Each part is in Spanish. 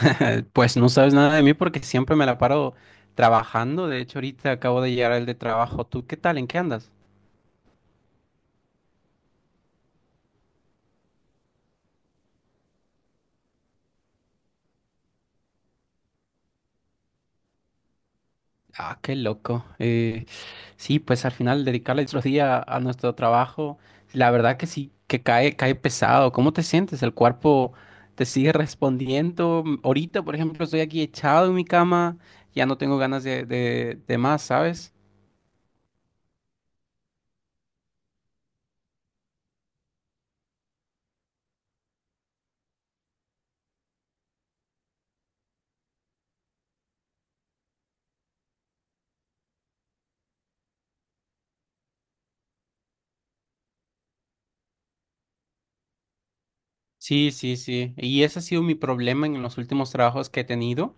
Pues no sabes nada de mí porque siempre me la paro trabajando. De hecho, ahorita acabo de llegar al de trabajo. ¿Tú qué tal? ¿En qué andas? Ah, qué loco. Sí, pues al final dedicarle otro día a nuestro trabajo, la verdad que sí, que cae, cae pesado. ¿Cómo te sientes? ¿El cuerpo te sigue respondiendo? Ahorita, por ejemplo, estoy aquí echado en mi cama, ya no tengo ganas de más, ¿sabes? Sí, sí, sí. Y ese ha sido mi problema en los últimos trabajos que he tenido.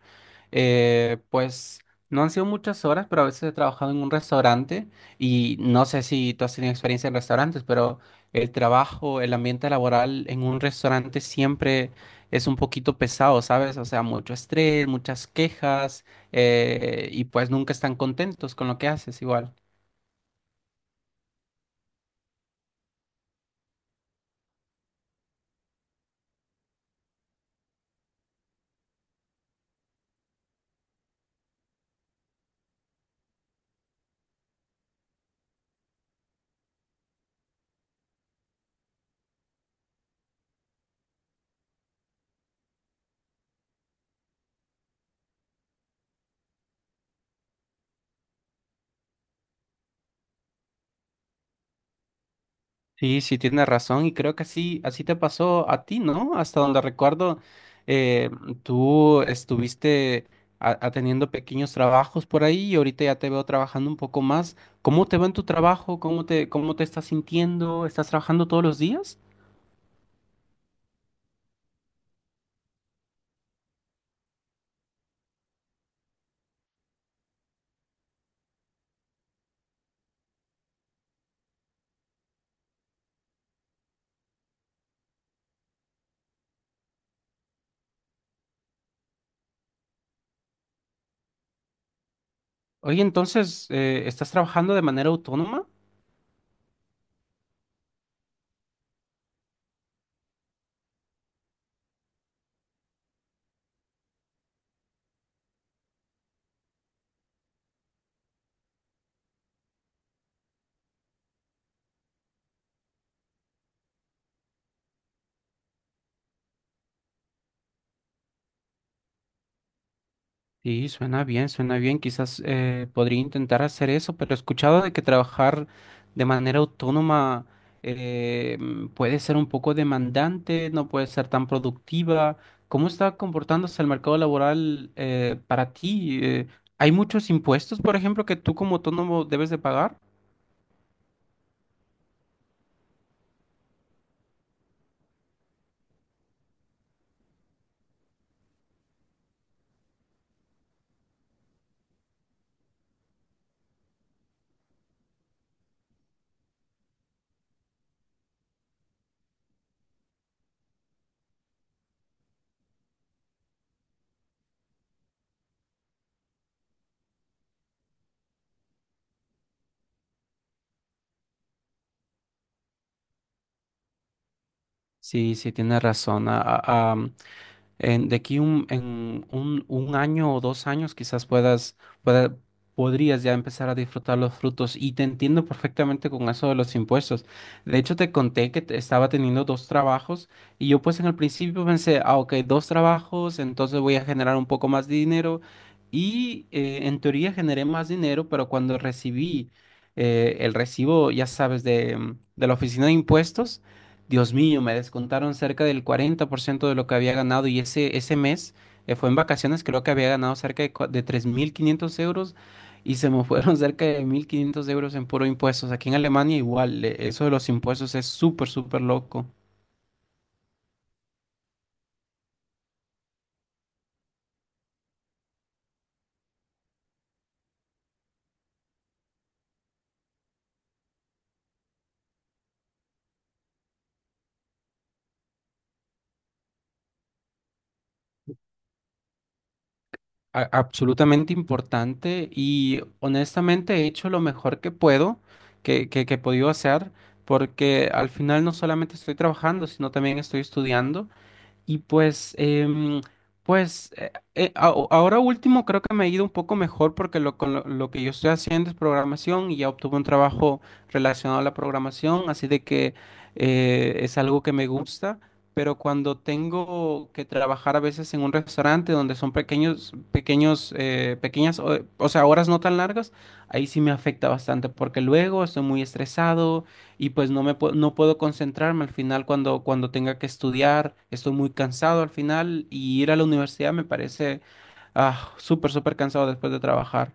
Pues no han sido muchas horas, pero a veces he trabajado en un restaurante y no sé si tú has tenido experiencia en restaurantes, pero el trabajo, el ambiente laboral en un restaurante siempre es un poquito pesado, ¿sabes? O sea, mucho estrés, muchas quejas, y pues nunca están contentos con lo que haces igual. Sí, sí, tienes razón y creo que así, así te pasó a ti, ¿no? Hasta donde recuerdo, eh, tú estuviste atendiendo pequeños trabajos por ahí y ahorita ya te veo trabajando un poco más. ¿Cómo te va en tu trabajo? ¿Cómo te estás sintiendo? ¿Estás trabajando todos los días? Oye, entonces, ¿estás trabajando de manera autónoma? Sí, suena bien, suena bien. Quizás podría intentar hacer eso, pero he escuchado de que trabajar de manera autónoma, puede ser un poco demandante, no puede ser tan productiva. ¿Cómo está comportándose el mercado laboral para ti? ¿Hay muchos impuestos, por ejemplo, que tú como autónomo debes de pagar? Sí, sí, tienes razón. De aquí un año o dos años quizás pueda- podrías ya empezar a disfrutar los frutos y te entiendo perfectamente con eso de los impuestos. De hecho, te conté que estaba teniendo dos trabajos y yo pues en el principio pensé, ah, ok, dos trabajos, entonces voy a generar un poco más de dinero y en teoría generé más dinero, pero cuando recibí el recibo, ya sabes, de la oficina de impuestos, Dios mío, me descontaron cerca del 40% de lo que había ganado y ese mes fue en vacaciones, creo que había ganado cerca de 3.500 euros y se me fueron cerca de 1.500 euros en puro impuestos. Aquí en Alemania igual, eso de los impuestos es súper, súper loco. Absolutamente importante y honestamente he hecho lo mejor que puedo, que he podido hacer, porque al final no solamente estoy trabajando, sino también estoy estudiando. Y pues ahora último creo que me ha ido un poco mejor porque lo que yo estoy haciendo es programación y ya obtuve un trabajo relacionado a la programación, así de que es algo que me gusta. Pero cuando tengo que trabajar a veces en un restaurante donde son pequeñas, o sea, horas no tan largas, ahí sí me afecta bastante porque luego estoy muy estresado y pues no puedo concentrarme al final cuando tenga que estudiar, estoy muy cansado al final y ir a la universidad me parece súper, súper cansado después de trabajar.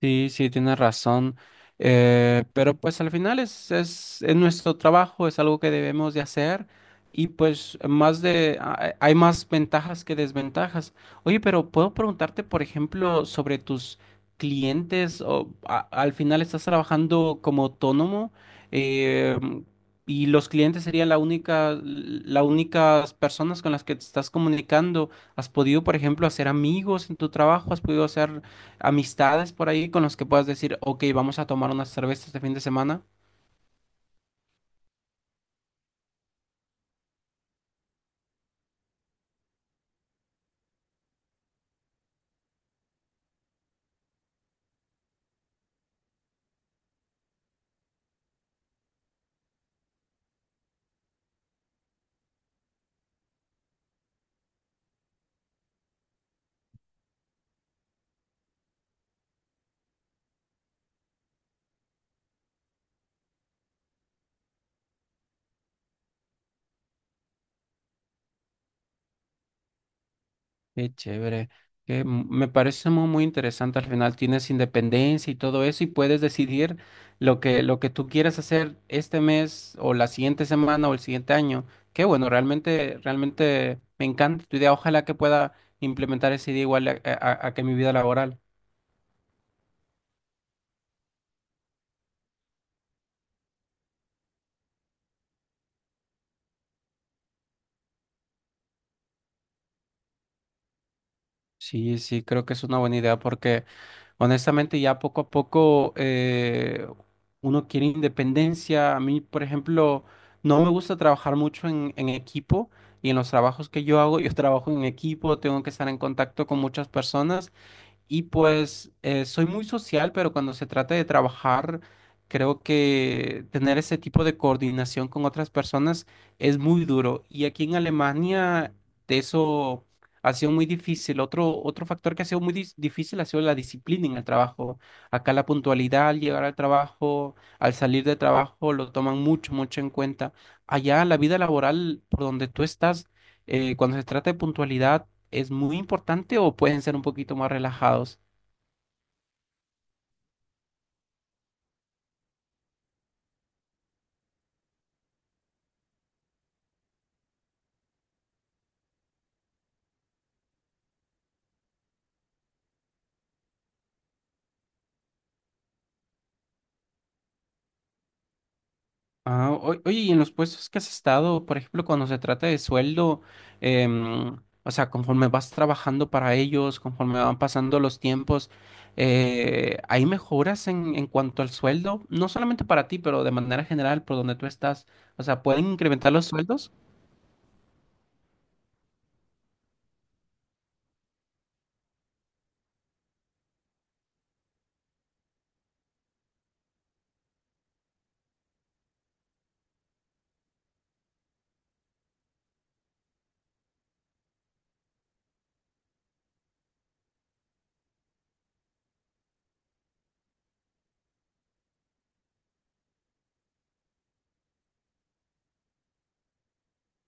Sí, sí, tienes razón. Pero pues al final es nuestro trabajo, es algo que debemos de hacer y pues más hay más ventajas que desventajas. Oye, pero puedo preguntarte, por ejemplo, sobre tus clientes o al final estás trabajando como autónomo eh, y los clientes serían la única, las únicas personas con las que te estás comunicando. ¿Has podido, por ejemplo, hacer amigos en tu trabajo? ¿Has podido hacer amistades por ahí con los que puedas decir, ok, vamos a tomar unas cervezas este fin de semana? Qué chévere. Que me parece muy, muy interesante. Al final tienes independencia y todo eso y puedes decidir lo que tú quieras hacer este mes o la siguiente semana o el siguiente año. Qué bueno, realmente, realmente me encanta tu idea. Ojalá que pueda implementar esa idea igual a que mi vida laboral. Sí, sí, creo que es una buena idea porque honestamente ya poco a poco uno quiere independencia. A mí, por ejemplo, no me gusta trabajar mucho en equipo y en los trabajos que yo hago, yo trabajo en equipo, tengo que estar en contacto con muchas personas y pues soy muy social, pero cuando se trata de trabajar, creo que tener ese tipo de coordinación con otras personas es muy duro. Y aquí en Alemania de eso ha sido muy difícil. Otro factor que ha sido muy difícil ha sido la disciplina en el trabajo. Acá la puntualidad al llegar al trabajo, al salir de trabajo, lo toman mucho, mucho en cuenta. Allá la vida laboral por donde tú estás, cuando se trata de puntualidad, ¿es muy importante o pueden ser un poquito más relajados? Ah, oye, y en los puestos que has estado, por ejemplo, cuando se trata de sueldo, em, o sea, conforme vas trabajando para ellos, conforme van pasando los tiempos, ¿hay mejoras en cuanto al sueldo? No solamente para ti, pero de manera general, por donde tú estás. O sea, ¿pueden incrementar los sueldos?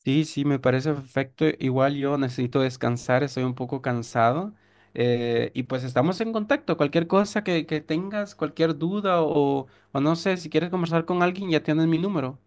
Sí, sí, me parece perfecto. Igual yo necesito descansar, estoy un poco cansado. Y pues estamos en contacto. Cualquier cosa que tengas, cualquier duda o no sé, si quieres conversar con alguien, ya tienes mi número.